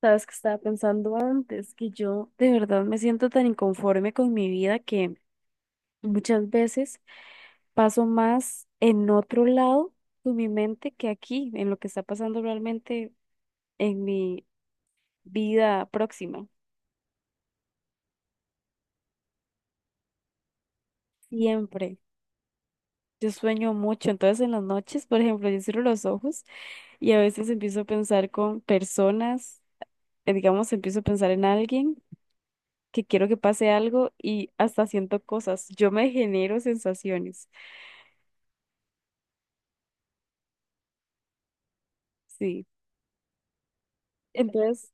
Sabes que estaba pensando antes que yo de verdad me siento tan inconforme con mi vida que muchas veces paso más en otro lado con mi mente que aquí, en lo que está pasando realmente en mi vida próxima. Siempre. Yo sueño mucho, entonces en las noches, por ejemplo, yo cierro los ojos y a veces empiezo a pensar con personas, digamos, empiezo a pensar en alguien que quiero que pase algo y hasta siento cosas. Yo me genero sensaciones. Sí. Entonces,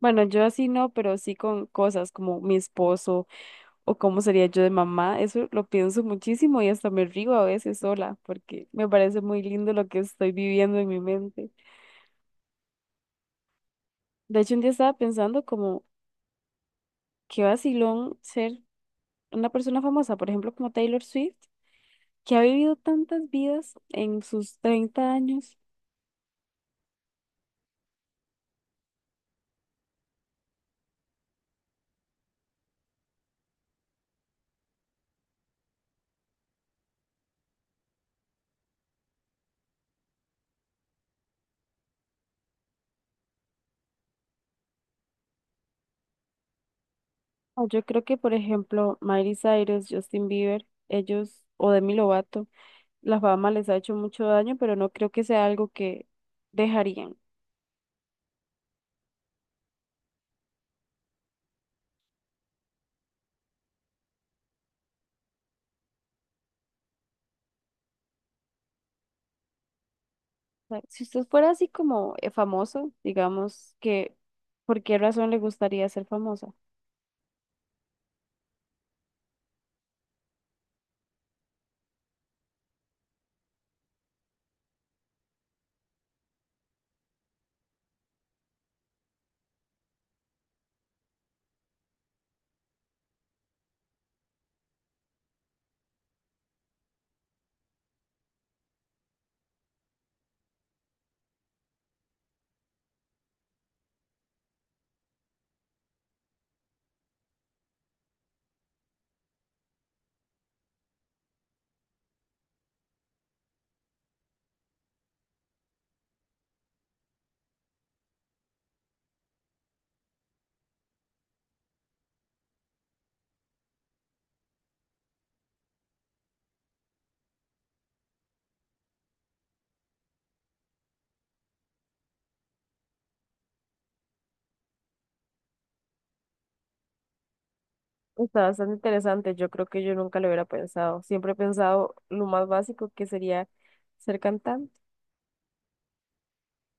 bueno, yo así no, pero sí con cosas como mi esposo o cómo sería yo de mamá, eso lo pienso muchísimo y hasta me río a veces sola, porque me parece muy lindo lo que estoy viviendo en mi mente. De hecho, un día estaba pensando como qué vacilón ser una persona famosa, por ejemplo, como Taylor Swift, que ha vivido tantas vidas en sus 30 años. O yo creo que, por ejemplo, Miley Cyrus, Justin Bieber, ellos, o Demi Lovato. Las fama les ha hecho mucho daño, pero no creo que sea algo que dejarían. O sea, si usted fuera así como famoso, digamos que, ¿por qué razón le gustaría ser famosa? Está bastante interesante. Yo creo que yo nunca lo hubiera pensado. Siempre he pensado lo más básico que sería ser cantante.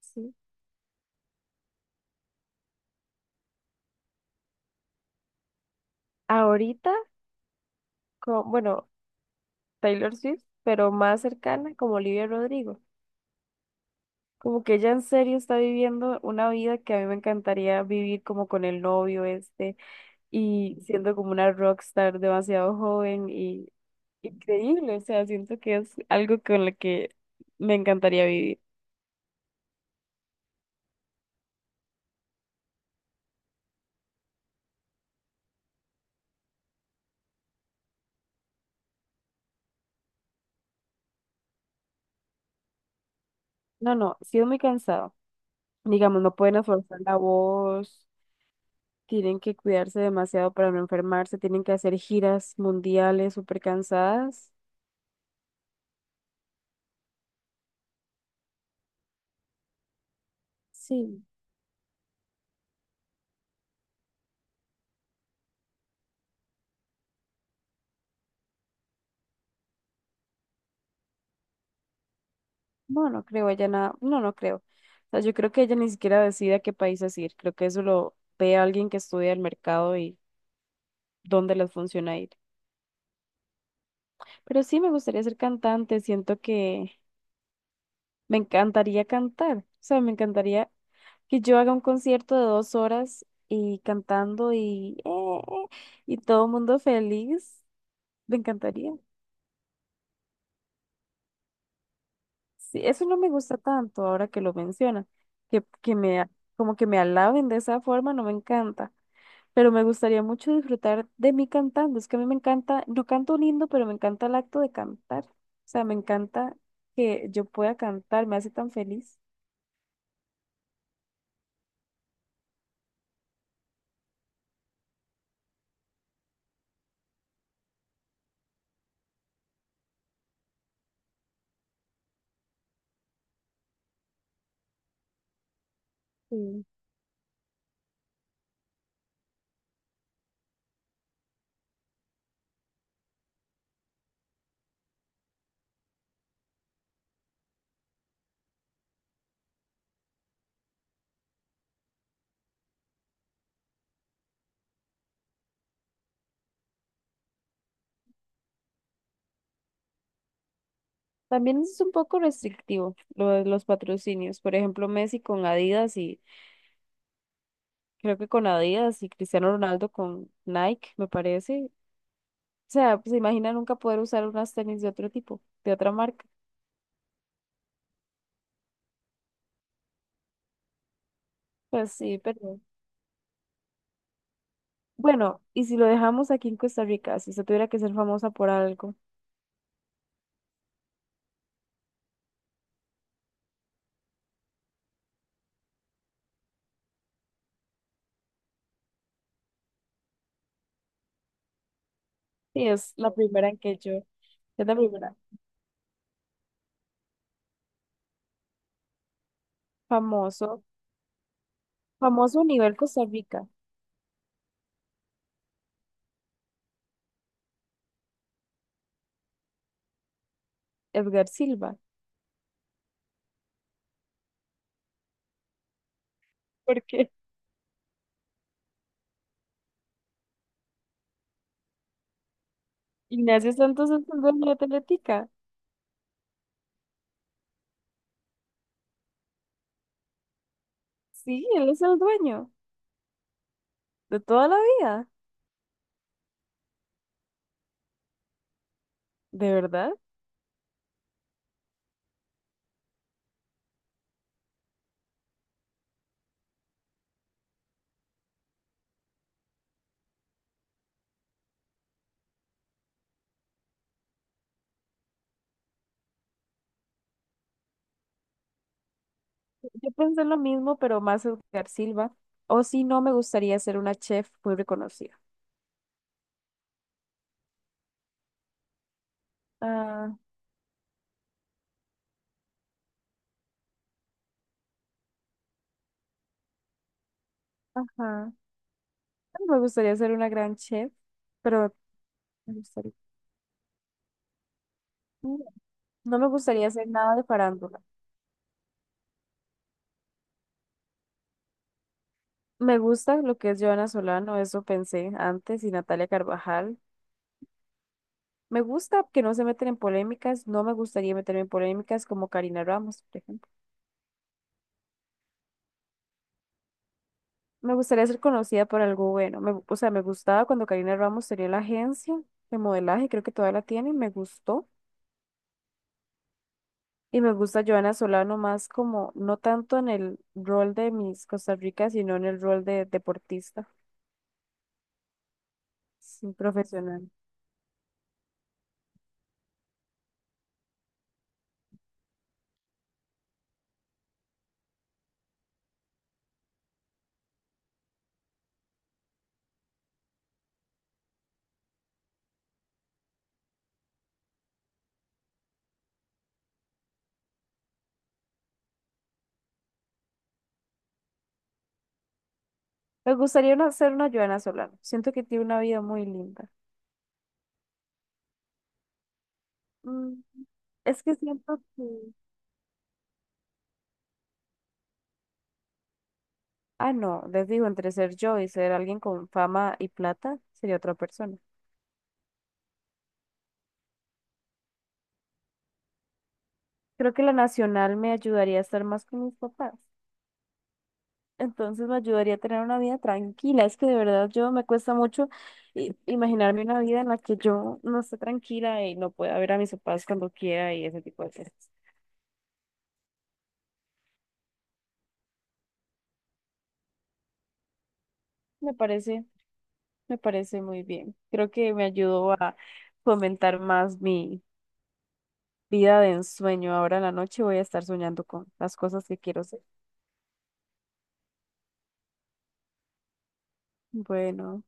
Sí. Ahorita, bueno, Taylor Swift, pero más cercana como Olivia Rodrigo. Como que ella en serio está viviendo una vida que a mí me encantaría vivir como con el novio este. Y siendo como una rockstar demasiado joven y increíble, o sea, siento que es algo con lo que me encantaría vivir. No, no, sí es muy cansado. Digamos, no pueden esforzar la voz, tienen que cuidarse demasiado para no enfermarse, tienen que hacer giras mundiales súper cansadas. Sí, no, no creo, ella nada, no, no creo. O sea, yo creo que ella ni siquiera decide a qué países ir, creo que eso lo ve alguien que estudia el mercado y dónde les funciona ir. Pero sí me gustaría ser cantante, siento que me encantaría cantar, o sea, me encantaría que yo haga un concierto de 2 horas y cantando y todo el mundo feliz, me encantaría. Sí, eso no me gusta tanto ahora que lo menciona, que, que me, a- como que me alaben de esa forma, no me encanta, pero me gustaría mucho disfrutar de mí cantando, es que a mí me encanta, no canto lindo, pero me encanta el acto de cantar, o sea, me encanta que yo pueda cantar, me hace tan feliz. Sí. También es un poco restrictivo lo de los patrocinios. Por ejemplo, Messi con Adidas y creo que con Adidas y Cristiano Ronaldo con Nike, me parece. O sea, pues imagina nunca poder usar unas tenis de otro tipo, de otra marca. Pues sí, pero bueno, y si lo dejamos aquí en Costa Rica, si usted tuviera que ser famosa por algo, sí, es la primera en que yo, es la primera. Famoso, famoso a nivel Costa Rica, Edgar Silva, porque Ignacio Santos es el dueño de Atletica. Sí, él es el dueño. De toda la vida, de verdad. Yo pensé lo mismo, pero más Edgar Silva. O si no, me gustaría ser una chef muy reconocida. Ah, ajá. Me gustaría ser una gran chef, pero me gustaría- no me gustaría hacer nada de farándula. Me gusta lo que es Joana Solano, eso pensé antes, y Natalia Carvajal. Me gusta que no se meten en polémicas, no me gustaría meterme en polémicas como Karina Ramos, por ejemplo. Me gustaría ser conocida por algo bueno. O sea, me gustaba cuando Karina Ramos tenía la agencia de modelaje, creo que todavía la tiene, me gustó. Y me gusta Joana Solano más como, no tanto en el rol de Miss Costa Rica, sino en el rol de deportista, sí, profesional. Me gustaría ser una Joana Solano. Siento que tiene una vida muy linda. Mm, es que siento que... Ah, no, les digo, entre ser yo y ser alguien con fama y plata, sería otra persona. Creo que la nacional me ayudaría a estar más con mis papás. Entonces me ayudaría a tener una vida tranquila. Es que de verdad yo me cuesta mucho imaginarme una vida en la que yo no esté tranquila y no pueda ver a mis papás cuando quiera y ese tipo de cosas. Me parece, me parece muy bien. Creo que me ayudó a fomentar más mi vida de ensueño. Ahora en la noche voy a estar soñando con las cosas que quiero ser. Bueno.